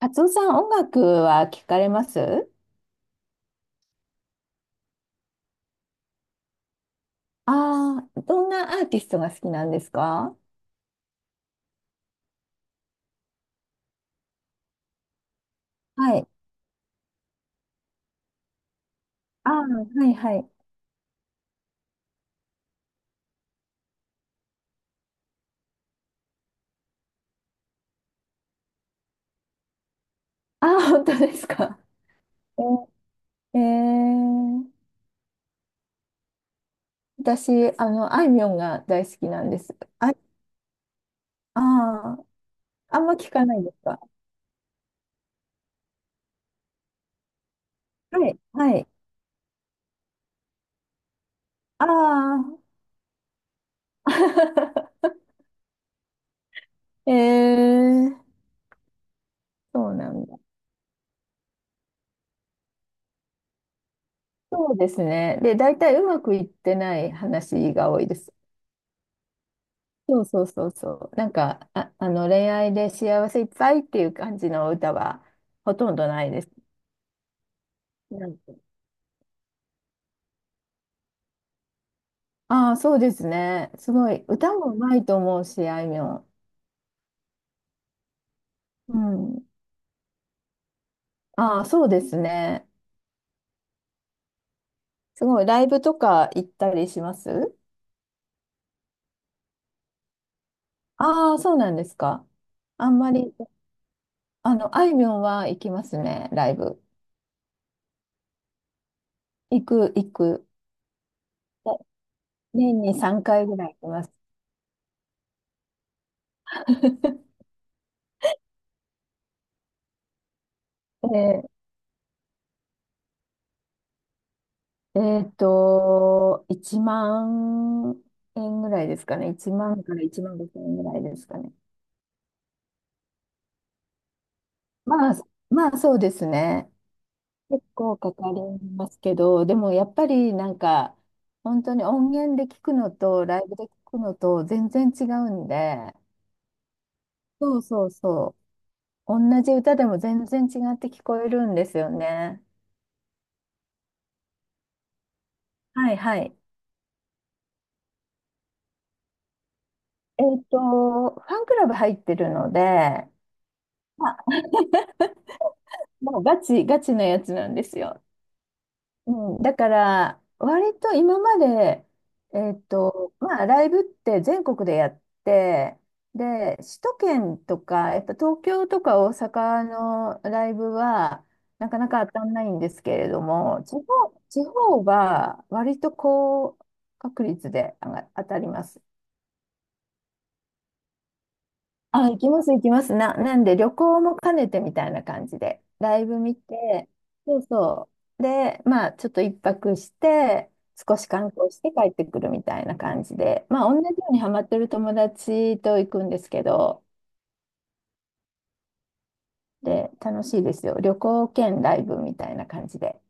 カツオさん、音楽は聞かれます？ああー、どんなアーティストが好きなんですか？はい。ああ、はいはい。ああ、本当ですか？ええー、私、あいみょんが大好きなんです。あ、あー、あんま聞かないですか？はい、はい。ああ。えー、そうなんだ。そうですね。で、大体うまくいってない話が多いです。そうそうそうそう。なんか、あ、恋愛で幸せいっぱいっていう感じの歌はほとんどないです。なんか。ああ、そうですね。すごい。歌もうまいと思うし、あいみょん。うん。ああ、そうですね。すごい。ライブとか行ったりします？ああ、そうなんですか？あんまり、あいみょんは行きますね、ライブ。行く、行く。年に3回ぐらい行きます。え1万円ぐらいですかね。1万から1万5千円ぐらいですかね。まあ、まあそうですね。結構かかりますけど、でもやっぱりなんか、本当に音源で聞くのとライブで聞くのと全然違うんで、そうそうそう。同じ歌でも全然違って聞こえるんですよね。はいはい。えっと、ファンクラブ入ってるので、まあ、もうガチ、ガチなやつなんですよ。うん、だから、割と今まで、まあ、ライブって全国でやって、で、首都圏とか、やっぱ東京とか大阪のライブは、なかなか当たんないんですけれども、地方は割と高確率で上が当たります。あ、行きます、行きます。なんで、旅行も兼ねてみたいな感じで、ライブ見て、そうそう。で、まあ、ちょっと一泊して、少し観光して帰ってくるみたいな感じで、まあ、同じようにハマってる友達と行くんですけど、で、楽しいですよ。旅行兼ライブみたいな感じで。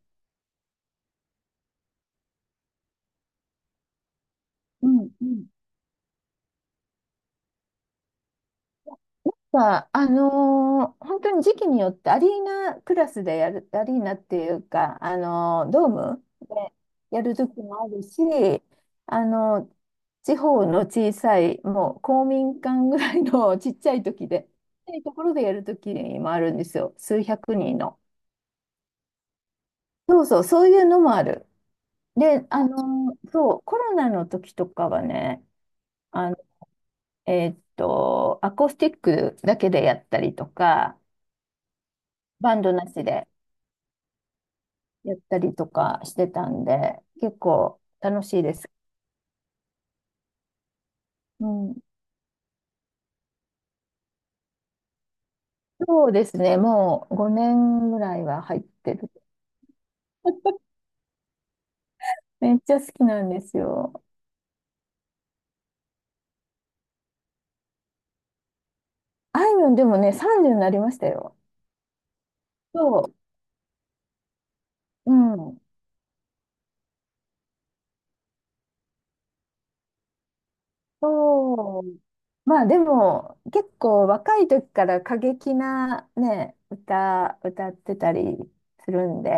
うんうんか、本当に時期によってアリーナクラスでやる、アリーナっていうか、ドームでやる時もあるし、あの地方の小さい、もう公民館ぐらいの ちっちゃい時で、ちっちゃいところでやる時もあるんですよ。数百人の。そうそう、そういうのもある。で、そう、コロナの時とかはね、あの、アコースティックだけでやったりとか、バンドなしで。やったりとかしてたんで、結構楽しいです。うん。そうですね。もう5年ぐらいは入ってる。めっちゃ好きなんですよ。あいみょんでもね、30になりましたよ。そう。うん。そう。まあでも、結構若い時から過激なね、歌ってたりするんで、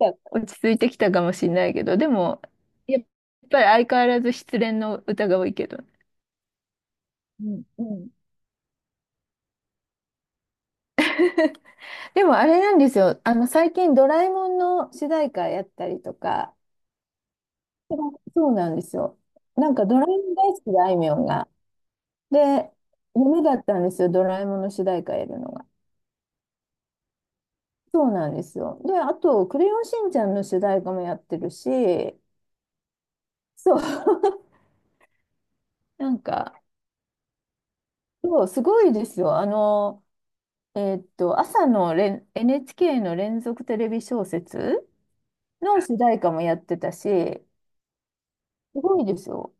いや落ち着いてきたかもしれないけど、でも、やっぱり相変わらず失恋の歌が多いけど。うんうん。でもあれなんですよ。最近ドラえもんの主題歌やったりとか、そうなんですよ。なんかドラえもん大好きで、あいみょんが。で、夢だったんですよ、ドラえもんの主題歌やるのが。そうなんですよ。で、あと、クレヨンしんちゃんの主題歌もやってるし、そう、なんか、そう、すごいですよ。朝の NHK の連続テレビ小説の主題歌もやってたし、すごいですよ。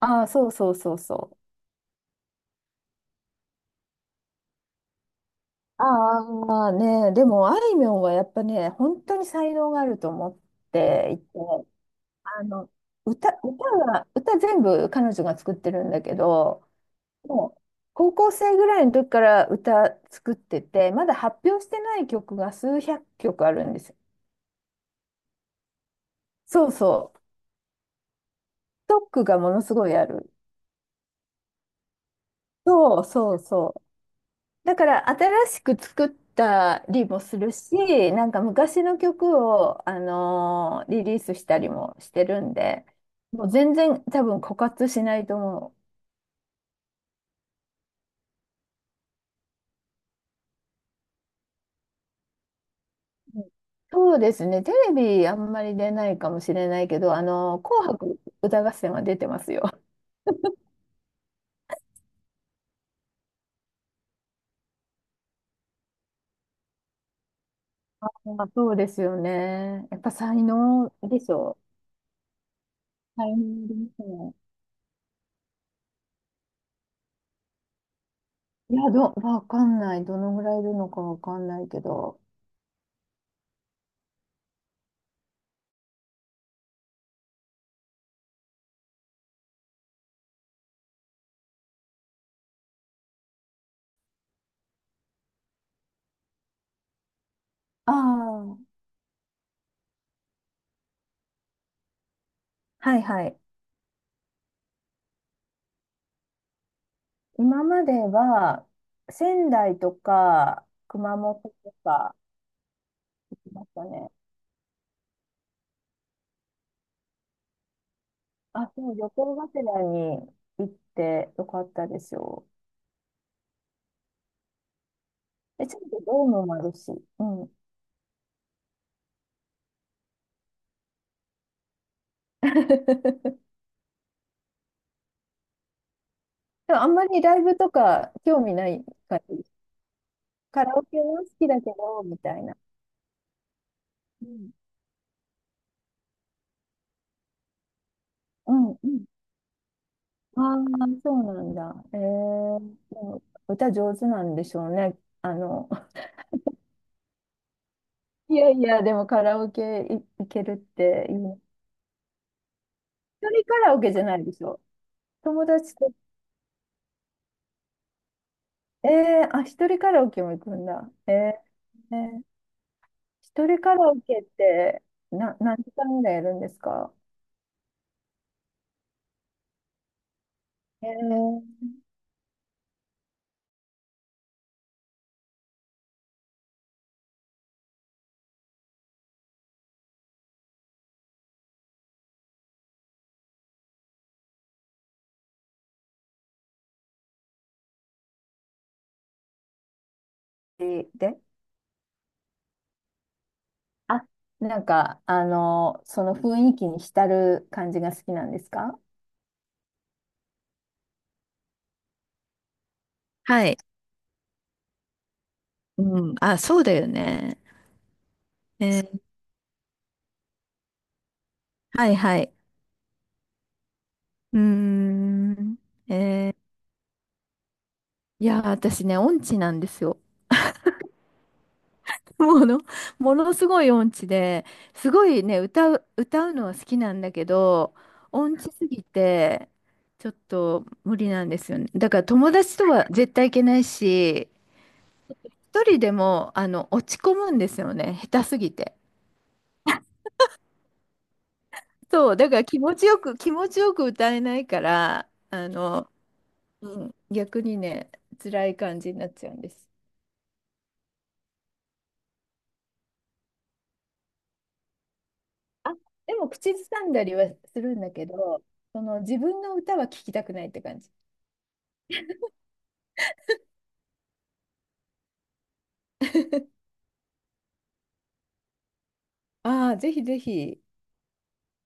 ああ、そうそうそうそう。ああ、ね、でも、あいみょんはやっぱね、本当に才能があると思っていて、あの、歌、歌歌全部彼女が作ってるんだけど、もう、高校生ぐらいの時から歌作ってて、まだ発表してない曲が数百曲あるんですよ。そうそう。ストックがものすごいある。そうそうそう。だから新しく作ったりもするし、なんか昔の曲を、リリースしたりもしてるんで、もう全然多分枯渇しないと思う。うん。そうですね、テレビあんまり出ないかもしれないけど、紅白歌合戦は出てますよ。あ、そうですよね。やっぱ才能でしょう。才能ですね。いや、わかんない。どのぐらいいるのかわかんないけど。ああ、はいはい。今までは仙台とか熊本とか行きましたね。あ、そう、旅行がてらに行ってよかったですよ。え、ちゃんとドームもあるし。うん。でもあんまりライブとか興味ない感じです。カラオケは好きだけど、みたいな。うん。うんうん。ああ、そうなんだ。でも歌上手なんでしょうね。あの、いやいや、でもカラオケ行けるっていいな。一人カラオケじゃないでしょ。友達と、えあ、一人カラオケも行くんだ。えー一人カラオケって、何時間ぐらいやるんですか？えー、で。あ、なんか、その雰囲気に浸る感じが好きなんですか？はい。うん。あ、そうだよね。えーはいはい。うーん。えーいやー、私ね、音痴なんですよ。もの、ものすごい音痴で、すごいね、歌うのは好きなんだけど、音痴すぎて、ちょっと無理なんですよね。だから友達とは絶対行けないし、一人でも、落ち込むんですよね、下手すぎて。そう、だから気持ちよく、気持ちよく歌えないから、うん、逆にね、辛い感じになっちゃうんです。あ、でも口ずさんだりはするんだけど、その自分の歌は聴きたくないって感じ。ああ、ぜひぜひ、